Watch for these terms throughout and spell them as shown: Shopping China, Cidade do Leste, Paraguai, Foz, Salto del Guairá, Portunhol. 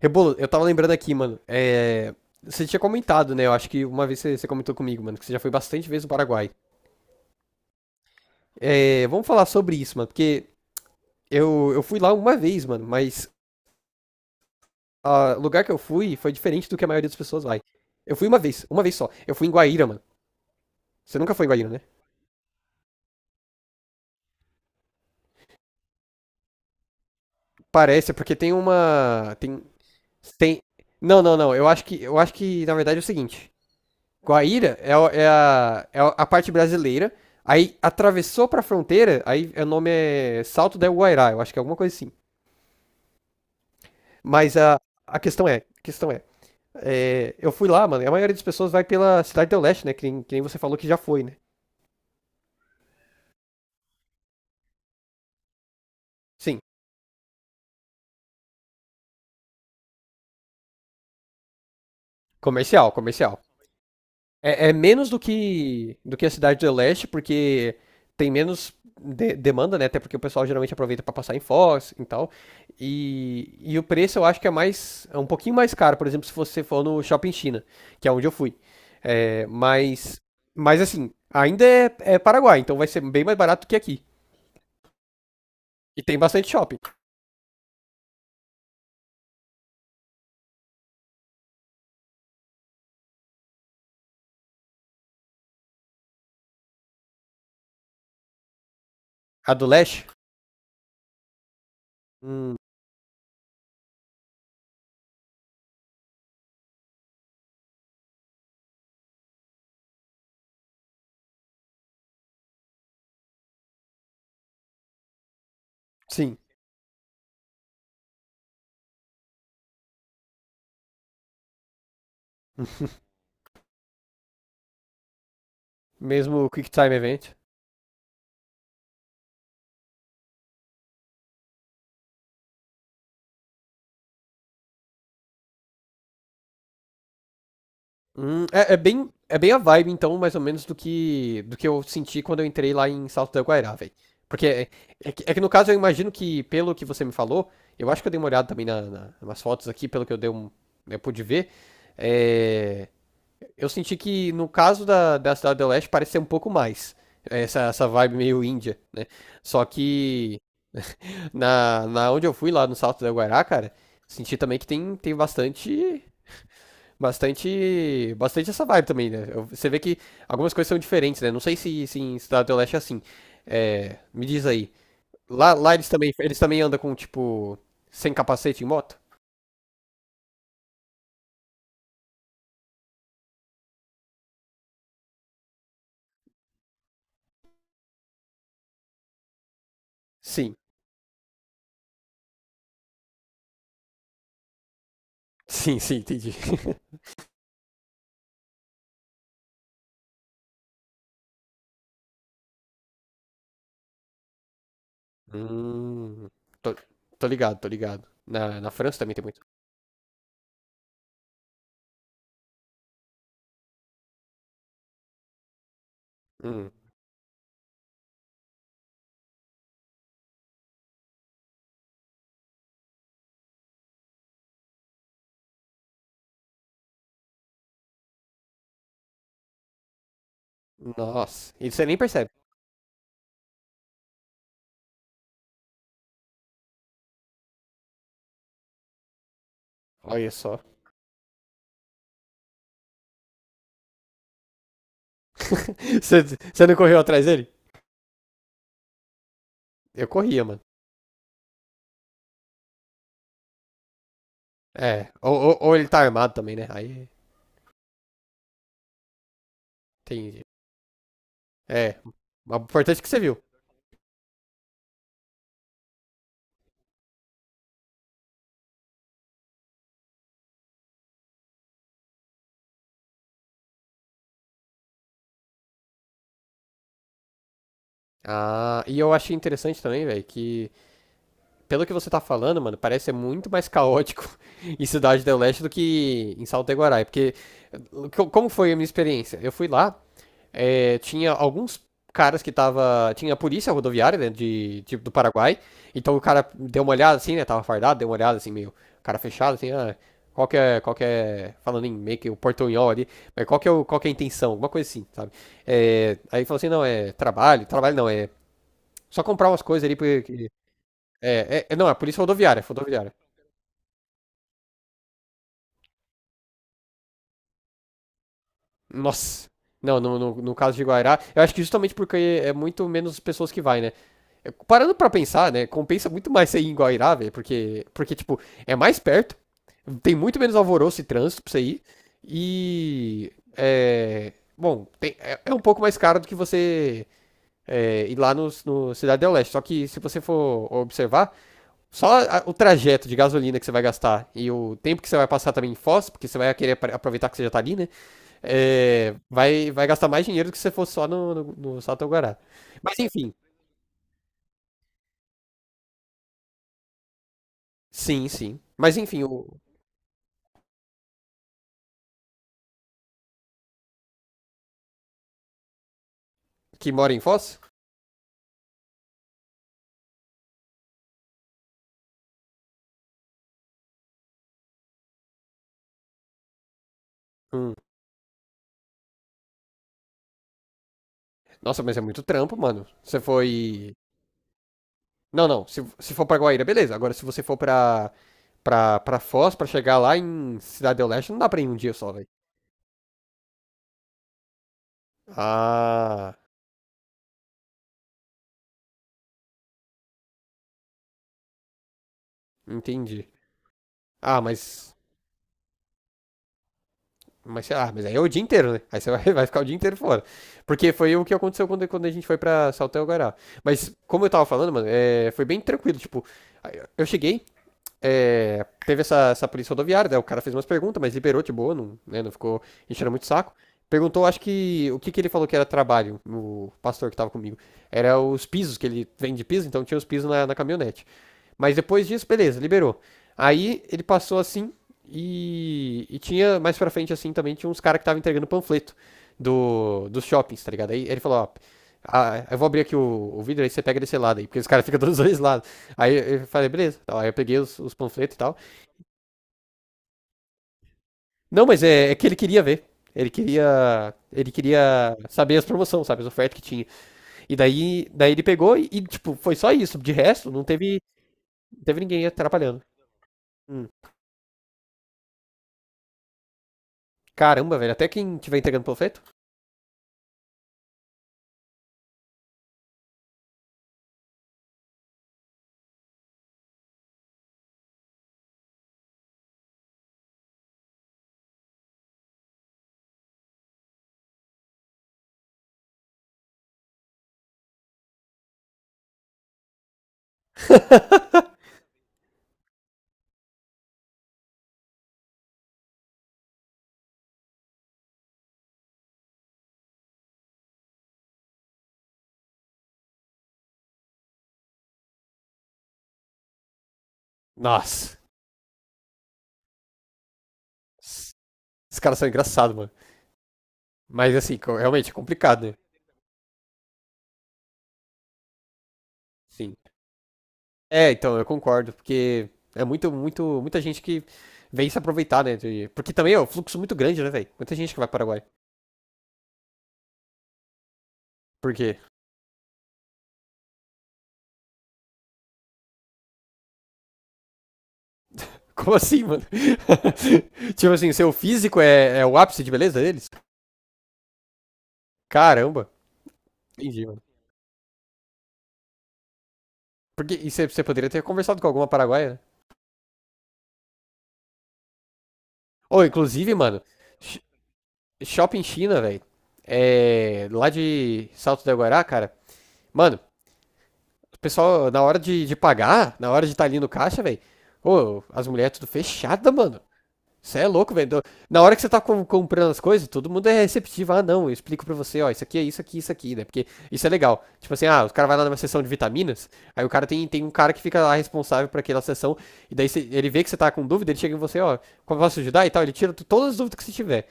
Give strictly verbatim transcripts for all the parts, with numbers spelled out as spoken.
Rebolo, eu tava lembrando aqui, mano. É... Você tinha comentado, né? Eu acho que uma vez você, você comentou comigo, mano, que você já foi bastante vezes no Paraguai. É... Vamos falar sobre isso, mano, porque eu, eu fui lá uma vez, mano, mas ah, o lugar que eu fui foi diferente do que a maioria das pessoas vai. Eu fui uma vez, uma vez só. Eu fui em Guaíra, mano. Você nunca foi em Guaíra, né? Parece, é porque tem uma. Tem. Tem. Não, não, não. Eu acho que. Eu acho que, na verdade, é o seguinte. Guaíra é, é a, é a parte brasileira. Aí atravessou pra fronteira, aí o nome é Salto del Guairá, eu acho que é alguma coisa assim. Mas a, a questão é, a questão é, é, eu fui lá, mano, e a maioria das pessoas vai pela Cidade do Leste, né? Que nem, que nem você falou que já foi, né? Sim, comercial, comercial. É, é menos do que, do que a Cidade do Leste, porque tem menos de- demanda, né? Até porque o pessoal geralmente aproveita para passar em Foz e tal. E, e o preço eu acho que é mais, é um pouquinho mais caro, por exemplo, se você for no Shopping China, que é onde eu fui. É, mas, mas assim, ainda é, é Paraguai, então vai ser bem mais barato que aqui. E tem bastante shopping. A do Leste? Hum, sim. Mesmo o Quick Time Event. Hum, é, é bem, é bem a vibe, então, mais ou menos, do que, do que eu senti quando eu entrei lá em Salto da Guairá, velho. Porque é, é que, é que, no caso, eu imagino que, pelo que você me falou, eu acho que eu dei uma olhada também na, na, nas fotos aqui, pelo que eu, dei um, eu pude ver. é, eu senti que, no caso da, da Cidade do Leste, parece ser um pouco mais. Essa, essa vibe meio índia, né? Só que na, na onde eu fui, lá no Salto da Guairá, cara, senti também que tem, tem bastante bastante, bastante essa vibe também, né? Eu- Você vê que algumas coisas são diferentes, né? Não sei se, se em Cidade do Leste é assim. É, me diz aí. Lá, lá eles também, eles também andam com, tipo, sem capacete em moto? Sim. Sim, sim, entendi. Hum, tô, tô ligado, tô ligado. Na, na França também tem muito. Hum, nossa, e você nem percebe. Olha só. Você, você não correu atrás dele? Eu corria, mano. É, ou, ou, ou ele tá armado também, né? Aí tem. É, mas o importante é que você viu. Ah, e eu achei interessante também, velho, que pelo que você tá falando, mano, parece ser muito mais caótico em Cidade do Leste do que em Salto Iguaraí, porque co- como foi a minha experiência? Eu fui lá, é, tinha alguns caras que tava, tinha a polícia rodoviária, né, de, de- do Paraguai, então o cara deu uma olhada assim, né, tava fardado, deu uma olhada assim, meio cara fechado, assim, ah, qual que é, qual que é, falando em meio que o portunhol ali, mas qual que é, o, qual que é a intenção, alguma coisa assim, sabe? É, aí falou assim, não, é trabalho, trabalho não, é só comprar umas coisas ali. Porque, é, é- é, não, é polícia rodoviária, é rodoviária. Nossa. Não, no, no, no caso de Guairá, eu acho que justamente porque é muito menos pessoas que vai, né? É, Parando pra pensar, né? Compensa muito mais você ir em Guairá, velho, porque, porque, tipo, é mais perto, tem muito menos alvoroço e trânsito pra você ir, e. É. Bom, tem- é, é um pouco mais caro do que você é, ir lá no, no Cidade do Leste. Só que se você for observar, Só a- o trajeto de gasolina que você vai gastar e o tempo que você vai passar também em Foz, porque você vai querer apre- aproveitar que você já tá ali, né? É, vai, vai gastar mais dinheiro do que se você fosse só no, no, no Satoguará. Mas enfim, sim, sim. Mas enfim, o que mora em Foz? Hum. Nossa, mas é muito trampo, mano. Você foi. Não, não. Se, se for pra Guaíra, beleza. Agora, se você for pra, pra, pra Foz, pra chegar lá em Cidade do Leste, não dá pra ir um dia só, velho. Ah, entendi. Ah, mas. Mas sei lá, mas aí é o dia inteiro, né? Aí você vai, vai ficar o dia inteiro fora. Porque foi o que aconteceu quando, quando a gente foi pra Saltel Guará. Mas, como eu tava falando, mano, é, foi bem tranquilo. Tipo, eu cheguei, é, teve essa, essa polícia rodoviária, né? o cara fez umas perguntas, mas liberou de boa, não, né? não ficou enchendo muito o saco. Perguntou, acho que, o que, que ele falou que era trabalho, o pastor que tava comigo. Era os pisos, que ele vende piso, então tinha os pisos na, na caminhonete. Mas depois disso, beleza, liberou. Aí ele passou assim e, e tinha mais pra frente assim também tinha uns caras que estavam entregando panfleto do, dos shoppings, tá ligado? Aí ele falou, ó, ah, eu vou abrir aqui o, o vidro, aí você pega desse lado aí, porque os caras ficam dos dois lados. Aí eu falei, beleza. Tal, Aí eu peguei os, os panfletos e tal. Não, mas é, é que ele queria ver. Ele queria, ele queria saber as promoções, sabe, as ofertas que tinha. E daí, daí ele pegou e, e, tipo, foi só isso. De resto, não teve, não teve ninguém atrapalhando. Hum. Caramba, velho, até quem tiver entregando panfleto? Nossa. Esses caras são engraçados, mano. Mas assim, realmente é complicado, né? Sim. É, então, eu concordo, porque é muito, muito, muita gente que vem se aproveitar, né? de- Porque também é um fluxo muito grande, né, velho? Muita gente que vai para o Paraguai. Por quê? Como assim, mano? tipo assim, seu físico é, é o ápice de beleza deles? Caramba. Entendi, mano. Porque e você você poderia ter conversado com alguma paraguaia, né? Ou, inclusive, mano, shopping China, velho. É, lá de Salto do Guará, cara. Mano, o pessoal, na hora de, de pagar, na hora de estar ali no caixa, velho. Ô, as mulheres tudo fechada, mano. Você é louco, velho. Na hora que você tá com- comprando as coisas, todo mundo é receptivo. Ah, não, eu explico pra você, ó, isso aqui é isso aqui, isso aqui, né? Porque isso é legal. Tipo assim, ah, o cara vai lá numa sessão de vitaminas, aí o cara tem, tem um cara que fica lá responsável por aquela sessão, e daí você- ele vê que você tá com dúvida, ele chega em você, ó, como eu posso ajudar e tal, ele tira tu- todas as dúvidas que você tiver.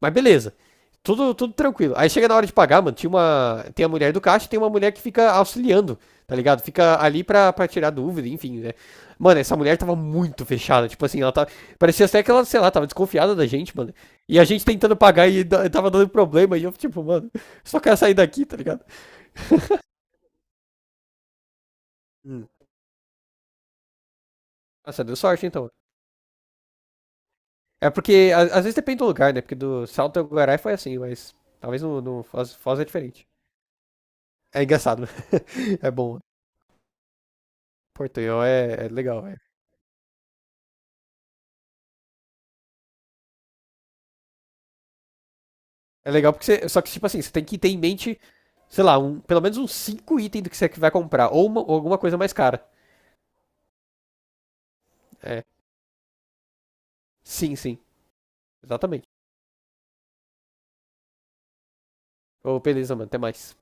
Mas beleza. Tudo, tudo tranquilo. Aí chega na hora de pagar, mano. Tinha uma, tem a mulher do caixa e tem uma mulher que fica auxiliando, tá ligado? Fica ali pra, pra tirar dúvida, enfim, né? Mano, essa mulher tava muito fechada. Tipo assim, ela tava. Parecia até que ela, sei lá, tava desconfiada da gente, mano. E a gente tentando pagar e da- tava dando problema. E eu, tipo, mano, só quero sair daqui, tá ligado? Hum. Nossa, deu sorte então. É porque, a- às vezes depende do lugar, né? Porque do Salto do Guarai foi assim, mas talvez no, no Foz, Foz é diferente. É engraçado, é bom. Portunhol é, é legal. é É legal porque você. Só que, tipo assim, você tem que ter em mente, sei lá, um, pelo menos uns cinco itens do que você vai comprar. Ou, uma- ou alguma coisa mais cara. É. Sim, sim. Exatamente. Ô, beleza, mano. Até mais.